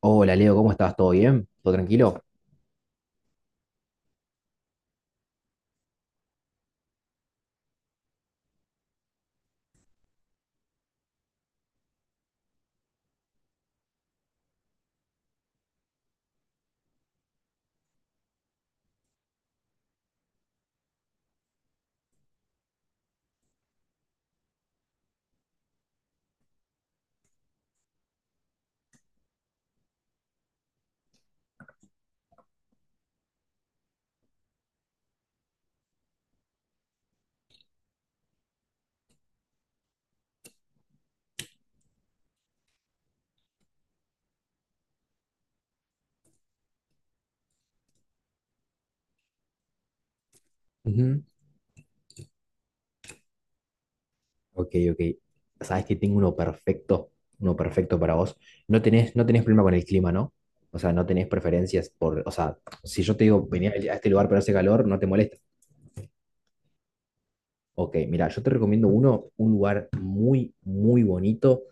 Hola Leo, ¿cómo estás? ¿Todo bien? ¿Todo tranquilo? Ujú. Ok, ok. Sabes que tengo uno perfecto para vos. No tenés problema con el clima, ¿no? O sea, no tenés preferencias por, o sea, si yo te digo venía a este lugar pero hace calor, no te molesta. Ok, mira, yo te recomiendo uno, un lugar muy, muy bonito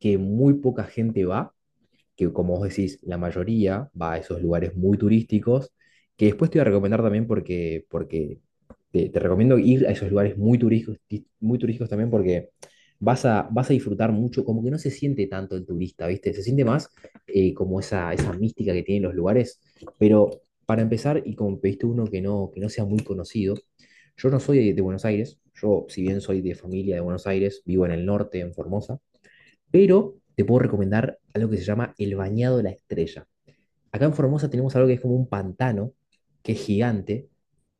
que muy poca gente va, que como vos decís, la mayoría va a esos lugares muy turísticos, que después te voy a recomendar también porque te recomiendo ir a esos lugares muy turísticos, muy turísticos también porque vas a disfrutar mucho, como que no se siente tanto el turista, ¿viste? Se siente más como esa mística que tienen los lugares, pero para empezar, y como pediste uno que no sea muy conocido, yo no soy de Buenos Aires. Yo si bien soy de familia de Buenos Aires, vivo en el norte, en Formosa, pero te puedo recomendar algo que se llama el Bañado de la Estrella. Acá en Formosa tenemos algo que es como un pantano, que es gigante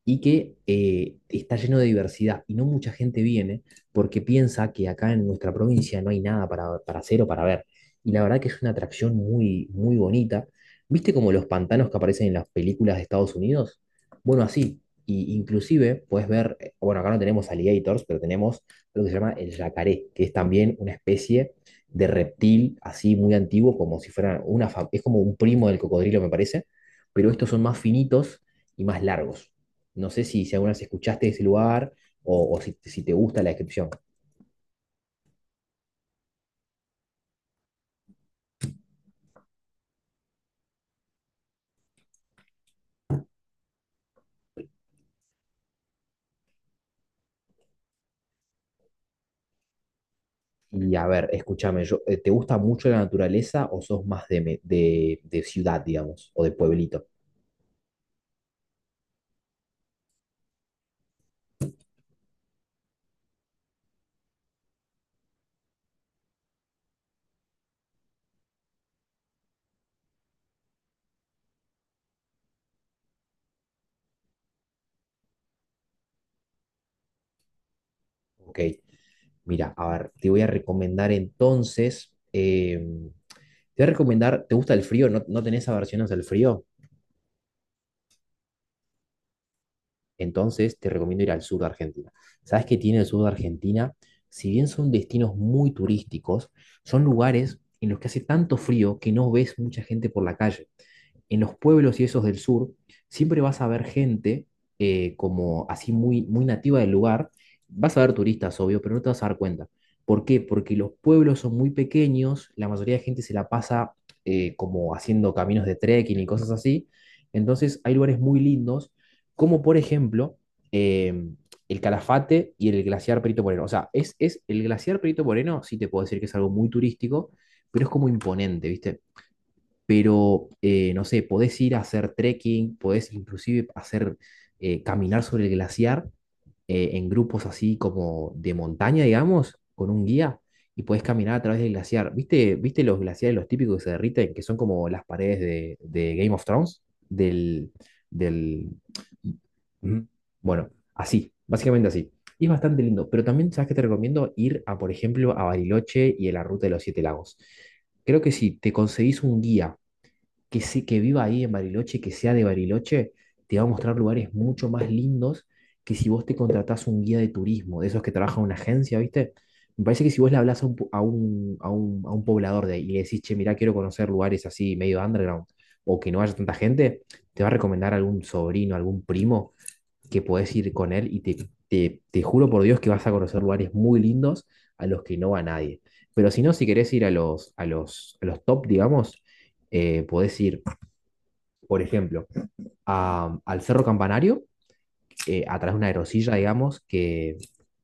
y que está lleno de diversidad. Y no mucha gente viene porque piensa que acá en nuestra provincia no hay nada para, para hacer o para ver. Y la verdad que es una atracción muy, muy bonita. ¿Viste como los pantanos que aparecen en las películas de Estados Unidos? Bueno, así. Y inclusive puedes ver, bueno, acá no tenemos alligators, pero tenemos lo que se llama el yacaré, que es también una especie de reptil así muy antiguo, como si fuera una, es como un primo del cocodrilo, me parece, pero estos son más finitos y más largos. No sé si alguna vez escuchaste de ese lugar o si te gusta la descripción. Y a ver, escúchame, yo, ¿te gusta mucho la naturaleza o sos más de, de ciudad, digamos, o de pueblito? Ok, mira, a ver, te voy a recomendar entonces, te voy a recomendar, ¿te gusta el frío? ¿No, no tenés aversiones al frío? Entonces te recomiendo ir al sur de Argentina. ¿Sabes qué tiene el sur de Argentina? Si bien son destinos muy turísticos, son lugares en los que hace tanto frío que no ves mucha gente por la calle en los pueblos y esos del sur, siempre vas a ver gente como así muy, muy nativa del lugar. Vas a ver turistas, obvio, pero no te vas a dar cuenta. ¿Por qué? Porque los pueblos son muy pequeños, la mayoría de gente se la pasa como haciendo caminos de trekking y cosas así. Entonces hay lugares muy lindos, como por ejemplo eh, el Calafate y el glaciar Perito Moreno. O sea, es el glaciar Perito Moreno, sí te puedo decir que es algo muy turístico, pero es como imponente, ¿viste? Pero no sé, podés ir a hacer trekking, podés inclusive hacer caminar sobre el glaciar en grupos así como de montaña, digamos, con un guía y podés caminar a través del glaciar. ¿Viste, viste los glaciares, los típicos que se derriten, que son como las paredes de Game of Thrones? Del, del... Mm. Bueno, así, básicamente así. Y es bastante lindo, pero también, ¿sabes qué te recomiendo? Ir a, por ejemplo, a Bariloche y a la Ruta de los Siete Lagos. Creo que si te conseguís un guía que viva ahí en Bariloche, que sea de Bariloche, te va a mostrar lugares mucho más lindos que si vos te contratás un guía de turismo, de esos que trabaja en una agencia, ¿viste? Me parece que si vos le hablas a a a un poblador de ahí y le decís, che, mirá, quiero conocer lugares así medio underground o que no haya tanta gente, te va a recomendar algún sobrino, algún primo que podés ir con él y te juro por Dios que vas a conocer lugares muy lindos a los que no va nadie. Pero si no, si querés ir a a los top, digamos, podés ir por ejemplo, al Cerro Campanario, a través de una aerosilla, digamos,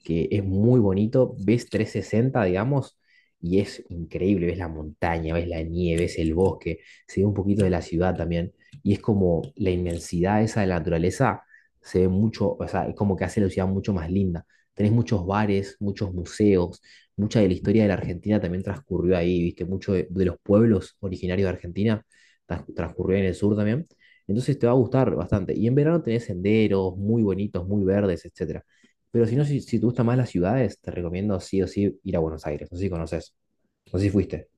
que es muy bonito, ves 360 digamos, y es increíble, ves la montaña, ves la nieve, ves el bosque, se ve un poquito de la ciudad también, y es como la inmensidad esa de la naturaleza, se ve mucho, o sea, es como que hace la ciudad mucho más linda. Tenés muchos bares, muchos museos, mucha de la historia de la Argentina también transcurrió ahí, viste, mucho de los pueblos originarios de Argentina transcurrió en el sur también. Entonces te va a gustar bastante. Y en verano tenés senderos muy bonitos, muy verdes, etcétera. Pero si no, si te gustan más las ciudades, te recomiendo sí o sí ir a Buenos Aires. No sé si conoces, no sé si fuiste.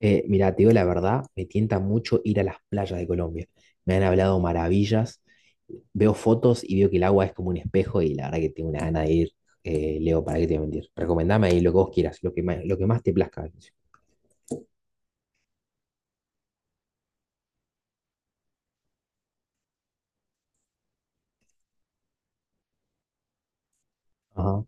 Mira, te digo la verdad, me tienta mucho ir a las playas de Colombia. Me han hablado maravillas. Veo fotos y veo que el agua es como un espejo y la verdad que tengo una gana de ir. Leo, ¿para qué te voy a mentir? Recomendame ahí lo que vos quieras, lo que más te plazca. Ajá.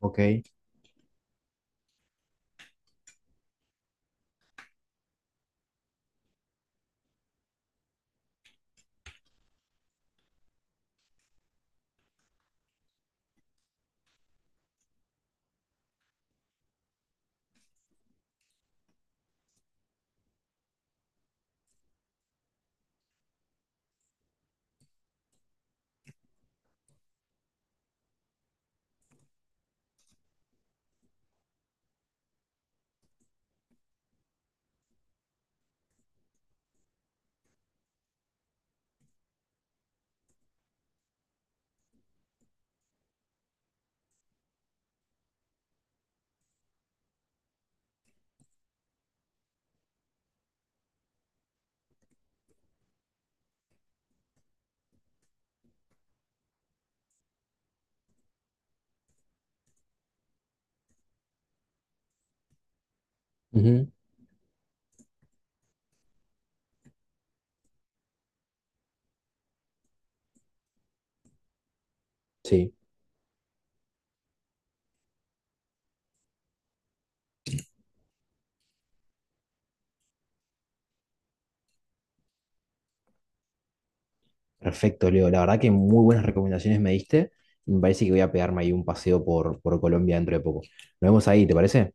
Ok. Ujú. Sí. Perfecto, Leo. La verdad que muy buenas recomendaciones me diste. Me parece que voy a pegarme ahí un paseo por Colombia dentro de poco. Nos vemos ahí, ¿te parece?